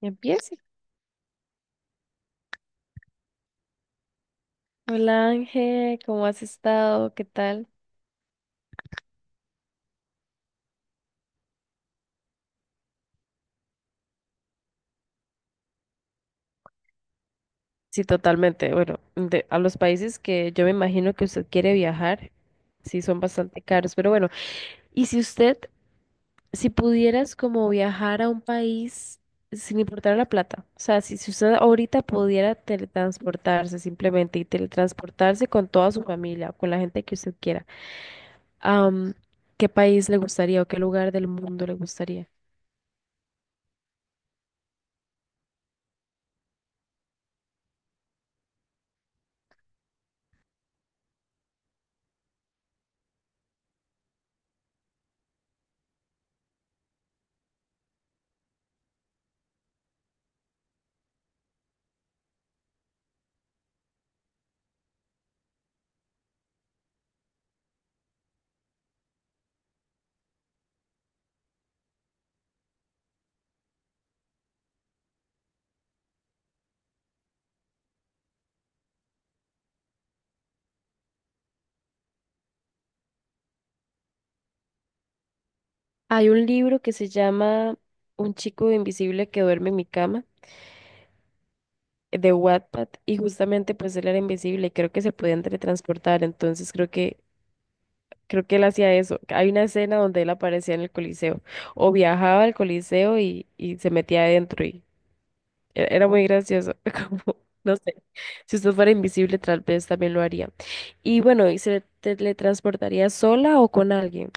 Ya, empiece. Hola, Ángel, ¿cómo has estado? ¿Qué tal? Sí, totalmente. Bueno, a los países que yo me imagino que usted quiere viajar, sí son bastante caros, pero bueno, y si usted, si pudieras como viajar a un país sin importar la plata, o sea, si usted ahorita pudiera teletransportarse simplemente y teletransportarse con toda su familia o con la gente que usted quiera, am, ¿Qué país le gustaría o qué lugar del mundo le gustaría? Hay un libro que se llama Un chico invisible que duerme en mi cama, de Wattpad, y justamente pues él era invisible y creo que se podían teletransportar, entonces creo que él hacía eso. Hay una escena donde él aparecía en el Coliseo o viajaba al Coliseo y, se metía adentro y era muy gracioso, como no sé, si usted fuera invisible tal vez también lo haría. Y bueno, ¿y se teletransportaría sola o con alguien?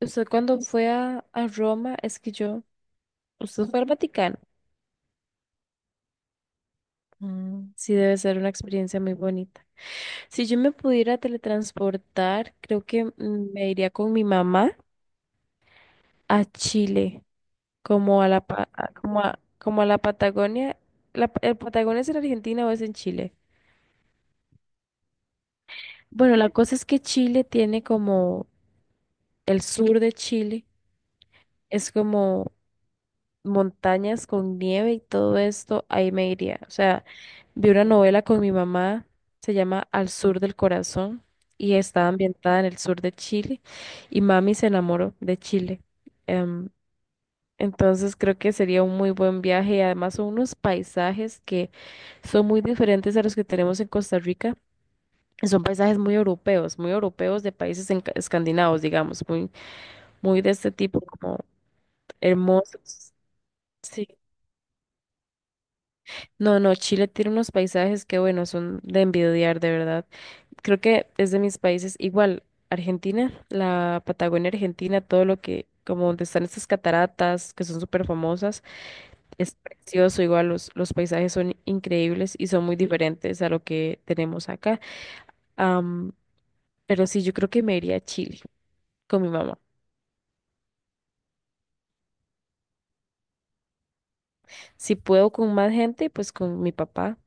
Usted cuando fue a Roma, es que yo, usted fue al Vaticano. Mm, sí, debe ser una experiencia muy bonita. Si yo me pudiera teletransportar, creo que me iría con mi mamá a Chile, como a la, pa- a- como a la Patagonia. ¿El Patagonia es en Argentina o es en Chile? Bueno, la cosa es que Chile tiene como el sur de Chile, es como montañas con nieve y todo esto, ahí me iría. O sea, vi una novela con mi mamá, se llama Al Sur del Corazón y está ambientada en el sur de Chile y mami se enamoró de Chile. Em, entonces creo que sería un muy buen viaje y además son unos paisajes que son muy diferentes a los que tenemos en Costa Rica. Y son paisajes muy europeos de países escandinavos, digamos, muy, muy de este tipo, como hermosos. Sí. No, no, Chile tiene unos paisajes que, bueno, son de envidiar, de verdad. Creo que es de mis países, igual, Argentina, la Patagonia Argentina, todo lo que, como donde están estas cataratas, que son súper famosas, es precioso, igual los paisajes son increíbles y son muy diferentes a lo que tenemos acá. Am, pero sí, yo creo que me iría a Chile con mi mamá. Si puedo con más gente, pues con mi papá.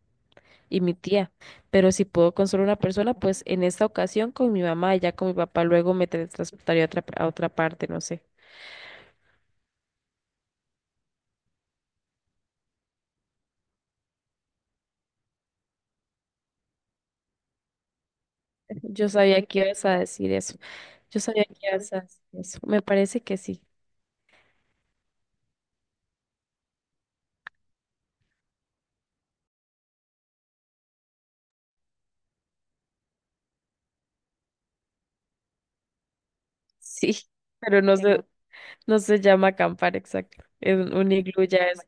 Y mi tía, pero si puedo con solo una persona, pues en esta ocasión con mi mamá y ya con mi papá luego me teletransportaría a otra parte, no sé. Yo sabía que ibas a decir eso. Yo sabía que ibas a decir eso. Me parece que sí. Sí, pero no se, no se llama acampar, exacto. Es un iglú ya es.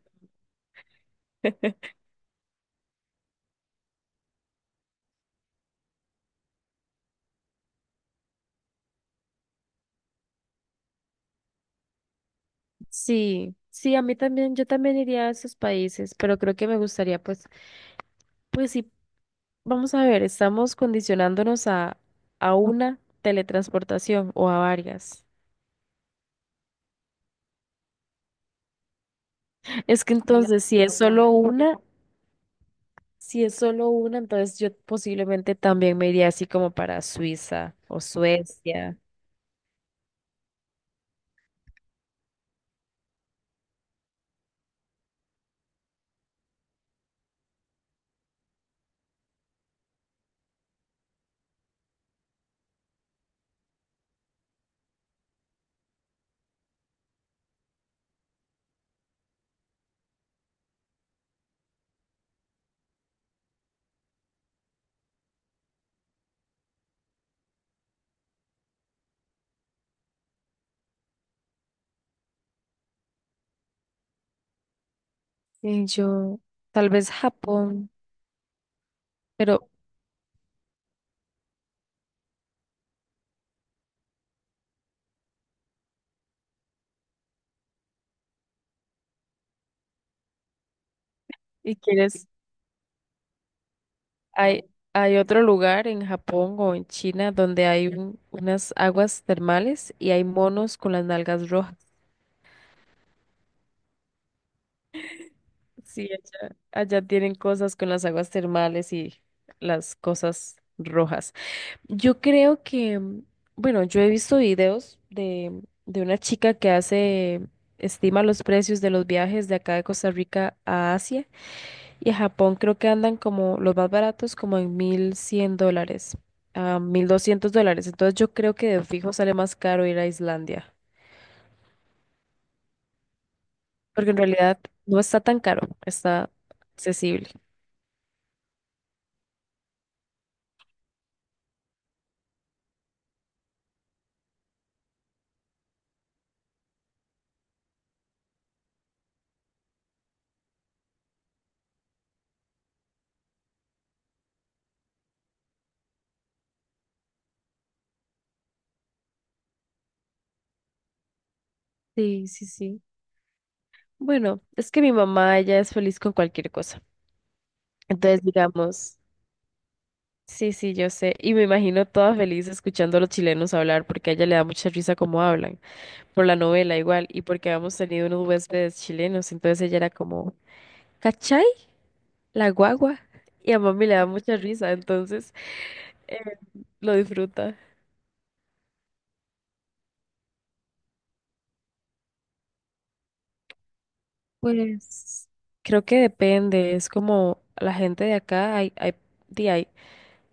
Sí, sí, a mí también, yo también iría a esos países, pero creo que me gustaría, pues sí. Vamos a ver, estamos condicionándonos a una teletransportación o a varias. Es que entonces, si es solo una, si es solo una, entonces yo posiblemente también me iría así como para Suiza o Suecia. Y yo, tal vez Japón, pero ¿y quieres? Hay, hay otro lugar en Japón o en China donde hay unas aguas termales y hay monos con las nalgas rojas. Sí, allá, allá tienen cosas con las aguas termales y las cosas rojas. Yo creo que, mm, bueno, yo he visto videos de una chica que estima los precios de los viajes de acá de Costa Rica a Asia y a Japón creo que andan como los más baratos como en $1,100 a $1,200. Entonces yo creo que de fijo sale más caro ir a Islandia, porque en realidad no está tan caro, está accesible. Sí, sí, sí. Bueno, es que mi mamá ya es feliz con cualquier cosa. Entonces, digamos, sí, sí, yo sé. Y me imagino toda feliz escuchando a los chilenos hablar porque a ella le da mucha risa cómo hablan, por la novela igual, y porque habíamos tenido unos huéspedes chilenos. Entonces ella era como, ¿cachai? La guagua. Y a mami le da mucha risa, entonces eh, lo disfruta. Pues creo que depende, es como la gente de acá, hay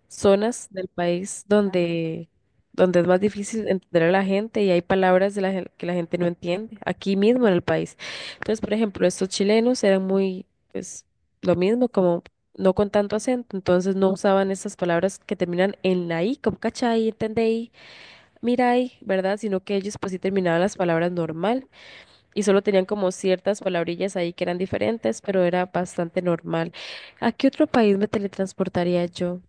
zonas del país donde, donde es más difícil entender a la gente y hay palabras que la gente no entiende, aquí mismo en el país. Entonces, por ejemplo, estos chilenos eran muy, pues, lo mismo, como no con tanto acento, entonces no usaban esas palabras que terminan en la i, como cachai, entendei, mirai, ¿verdad? Sino que ellos pues sí terminaban las palabras normal y solo tenían como ciertas palabrillas ahí que eran diferentes, pero era bastante normal. ¿A qué otro país me teletransportaría yo?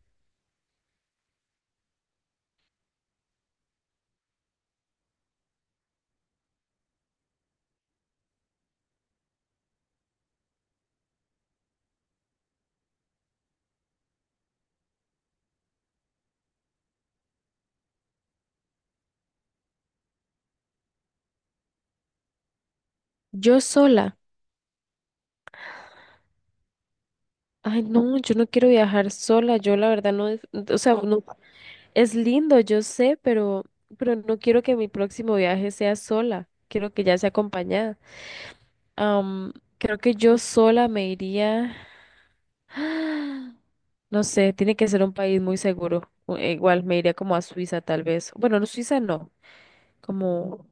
Yo sola. Ay, no, yo no quiero viajar sola, yo la verdad no, o sea, no, no, es lindo, yo sé, pero no quiero que mi próximo viaje sea sola, quiero que ya sea acompañada. Am, Creo que yo sola me iría, no sé, tiene que ser un país muy seguro, e igual me iría como a Suiza tal vez, bueno, no, Suiza no, como,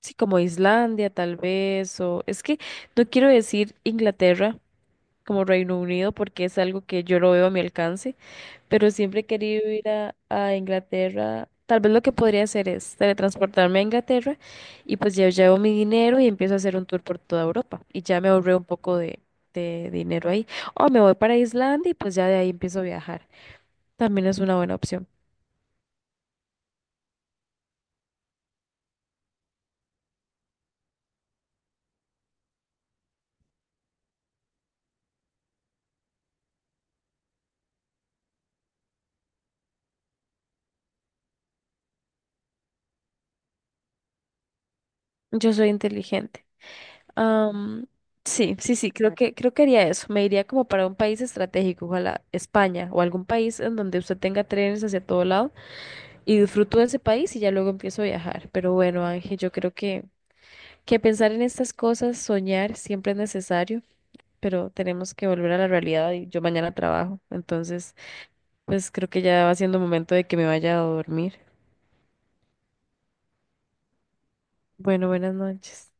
sí, como Islandia tal vez, o es que no quiero decir Inglaterra como Reino Unido porque es algo que yo lo veo a mi alcance pero siempre he querido ir a Inglaterra. Tal vez lo que podría hacer es teletransportarme a Inglaterra y pues ya llevo mi dinero y empiezo a hacer un tour por toda Europa y ya me ahorré un poco de dinero ahí. O me voy para Islandia y pues ya de ahí empiezo a viajar. También es una buena opción. Yo soy inteligente. Am, sí, sí, sí, creo que haría eso. Me iría como para un país estratégico, ojalá España o algún país en donde usted tenga trenes hacia todo lado y disfruto de ese país y ya luego empiezo a viajar. Pero bueno, Ángel, yo creo que pensar en estas cosas, soñar siempre es necesario, pero tenemos que volver a la realidad y yo mañana trabajo. Entonces, pues creo que ya va siendo momento de que me vaya a dormir. Bueno, buenas noches.